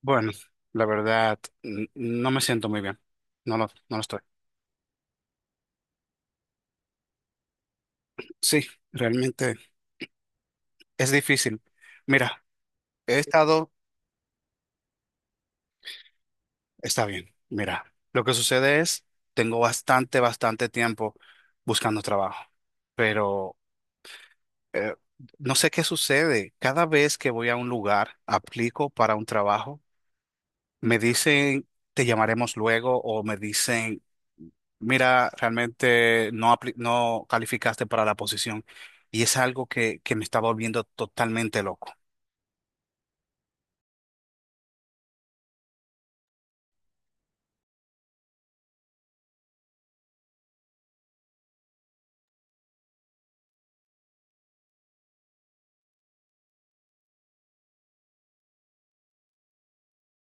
Bueno, la verdad, no me siento muy bien. No lo estoy. Sí, realmente es difícil. Mira, he estado, está bien. Mira, lo que sucede es, tengo bastante tiempo buscando trabajo, pero eh, no sé qué sucede. Cada vez que voy a un lugar, aplico para un trabajo, me dicen, te llamaremos luego, o me dicen, mira, realmente no, no calificaste para la posición y es algo que me está volviendo totalmente loco.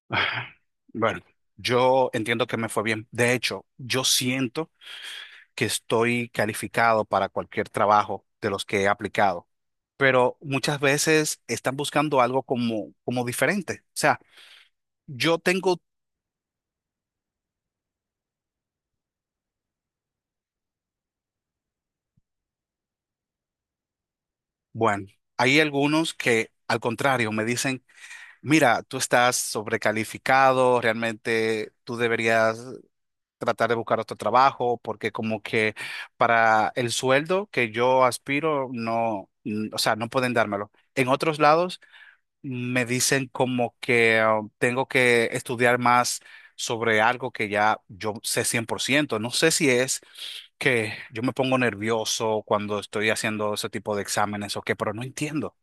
Ah, Bueno, yo entiendo que me fue bien. De hecho, yo siento que estoy calificado para cualquier trabajo de los que he aplicado, pero muchas veces están buscando algo como diferente. O sea, yo tengo, bueno, hay algunos que al contrario me dicen, mira, tú estás sobrecalificado, realmente tú deberías tratar de buscar otro trabajo, porque como que para el sueldo que yo aspiro, no, o sea, no pueden dármelo. En otros lados me dicen como que tengo que estudiar más sobre algo que ya yo sé 100%. No sé si es que yo me pongo nervioso cuando estoy haciendo ese tipo de exámenes o qué, pero no entiendo.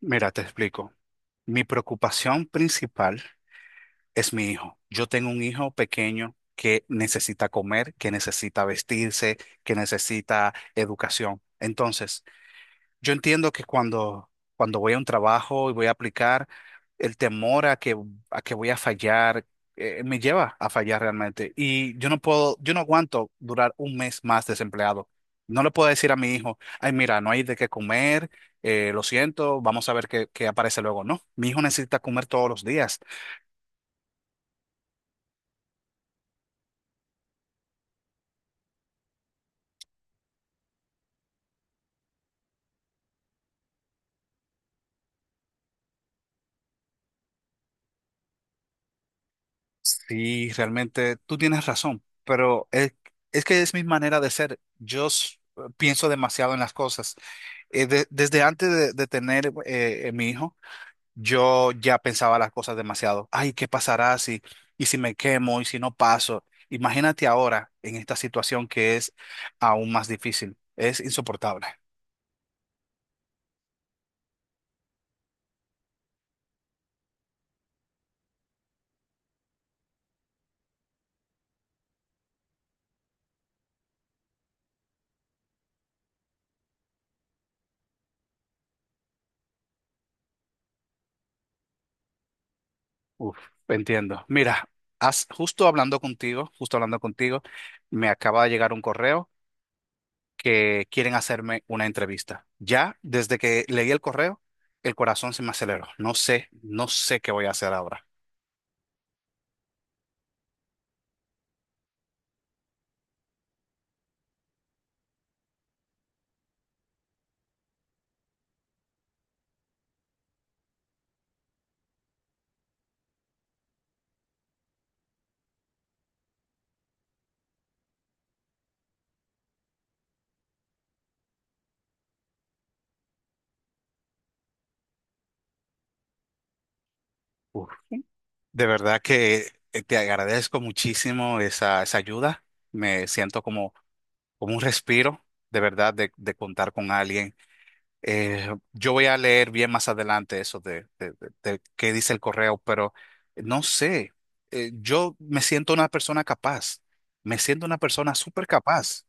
Mira, te explico. Mi preocupación principal es mi hijo. Yo tengo un hijo pequeño que necesita comer, que necesita vestirse, que necesita educación. Entonces, yo entiendo que cuando voy a un trabajo y voy a aplicar, el temor a a que voy a fallar, me lleva a fallar realmente. Y yo no puedo, yo no aguanto durar un mes más desempleado. No le puedo decir a mi hijo, ay, mira, no hay de qué comer, lo siento, vamos a ver qué aparece luego. No, mi hijo necesita comer todos los días. Sí, realmente tú tienes razón, pero es que es mi manera de ser. Yo pienso demasiado en las cosas. Desde antes de tener mi hijo, yo ya pensaba las cosas demasiado. Ay, ¿qué pasará si, y si me quemo y si no paso? Imagínate ahora en esta situación que es aún más difícil. Es insoportable. Uf, entiendo. Mira, justo hablando justo hablando contigo, me acaba de llegar un correo, que quieren hacerme una entrevista. Ya desde que leí el correo, el corazón se me aceleró. No sé, no sé qué voy a hacer ahora. Uf. De verdad que te agradezco muchísimo esa ayuda. Me siento como un respiro, de verdad, de contar con alguien. Eh, yo voy a leer bien más adelante eso de qué dice el correo, pero no sé. Yo me siento una persona capaz. Me siento una persona súper capaz.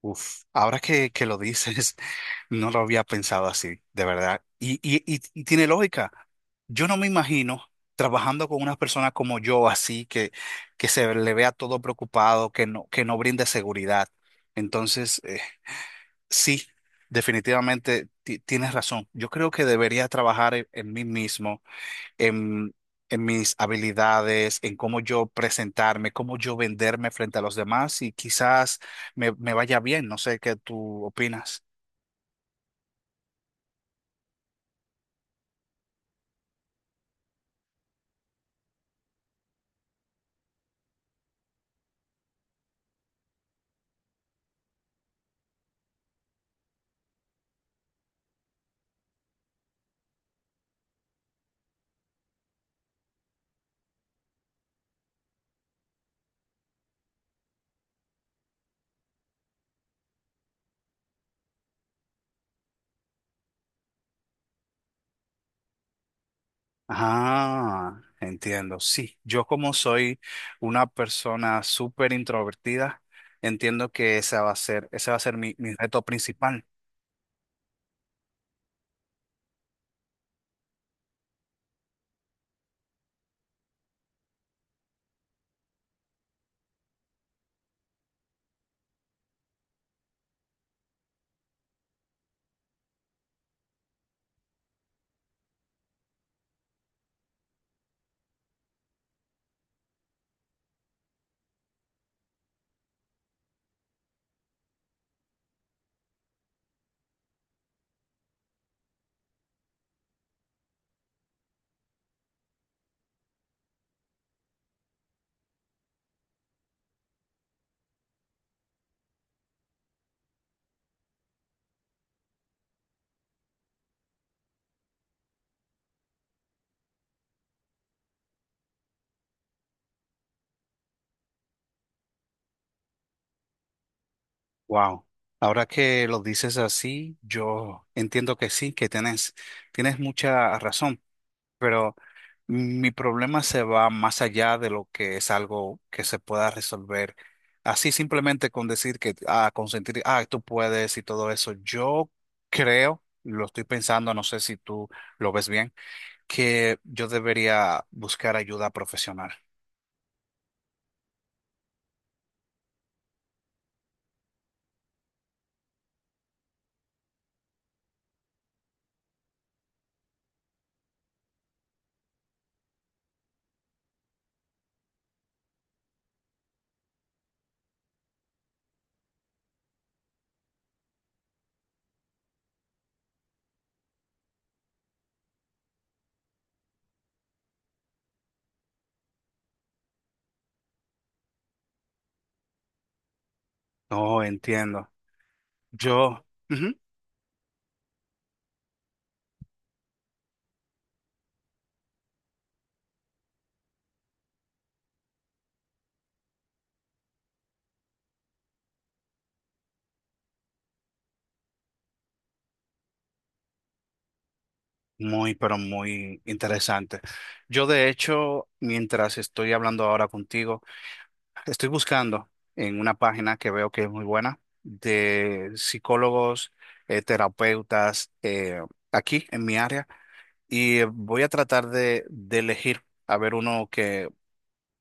Uf, ahora que lo dices, no lo había pensado así, de verdad. Y tiene lógica. Yo no me imagino trabajando con una persona como yo, así, que se le vea todo preocupado, que no brinde seguridad. Entonces, sí, definitivamente tienes razón. Yo creo que debería trabajar en mí mismo, en, en mis habilidades, en cómo yo presentarme, cómo yo venderme frente a los demás, y quizás me vaya bien. No sé qué tú opinas. Ah, entiendo. Sí, yo como soy una persona súper introvertida, entiendo que ese va a ser mi reto principal. Wow. Ahora que lo dices así, yo entiendo que sí, que tienes mucha razón. Pero mi problema se va más allá de lo que es algo que se pueda resolver. Así simplemente con decir que, ah, consentir, ah, tú puedes y todo eso. Yo creo, lo estoy pensando, no sé si tú lo ves bien, que yo debería buscar ayuda profesional. No entiendo. Yo, ujú, muy, pero muy interesante. Yo, de hecho, mientras estoy hablando ahora contigo, estoy buscando en una página que veo que es muy buena de psicólogos, terapeutas, aquí en mi área, y voy a tratar de elegir a ver uno que,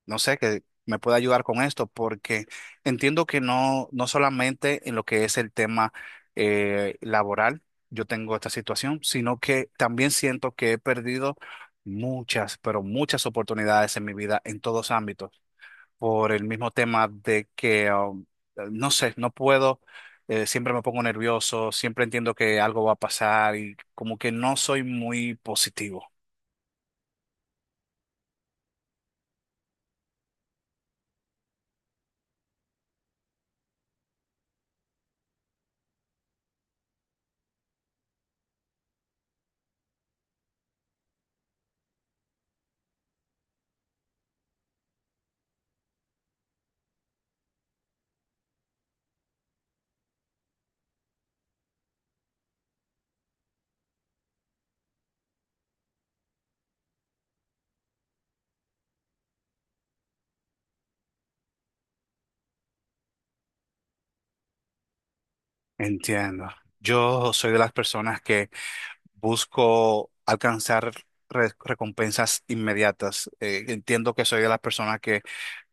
no sé, que me pueda ayudar con esto, porque entiendo que no, no solamente en lo que es el tema laboral yo tengo esta situación, sino que también siento que he perdido pero muchas oportunidades en mi vida en todos ámbitos por el mismo tema de que, no sé, no puedo, siempre me pongo nervioso, siempre entiendo que algo va a pasar y como que no soy muy positivo. Entiendo. Yo soy de las personas que busco alcanzar recompensas inmediatas. Entiendo que soy de las personas que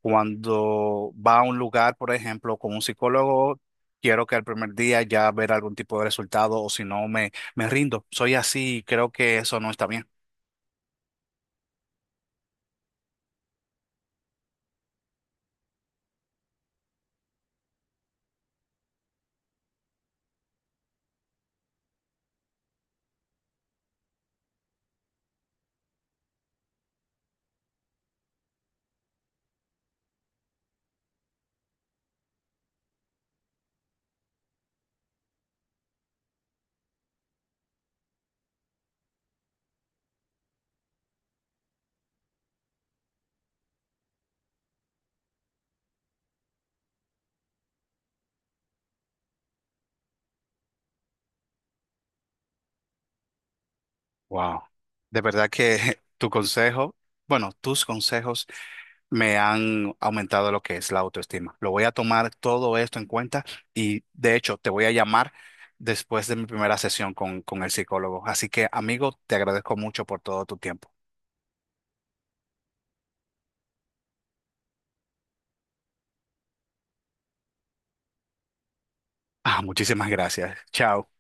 cuando va a un lugar, por ejemplo, con un psicólogo, quiero que al primer día ya ver algún tipo de resultado, o si no me rindo. Soy así y creo que eso no está bien. Wow. De verdad que tu consejo, bueno, tus consejos me han aumentado lo que es la autoestima. Lo voy a tomar todo esto en cuenta, y de hecho te voy a llamar después de mi primera sesión con el psicólogo. Así que, amigo, te agradezco mucho por todo tu tiempo. Ah, muchísimas gracias. Chao.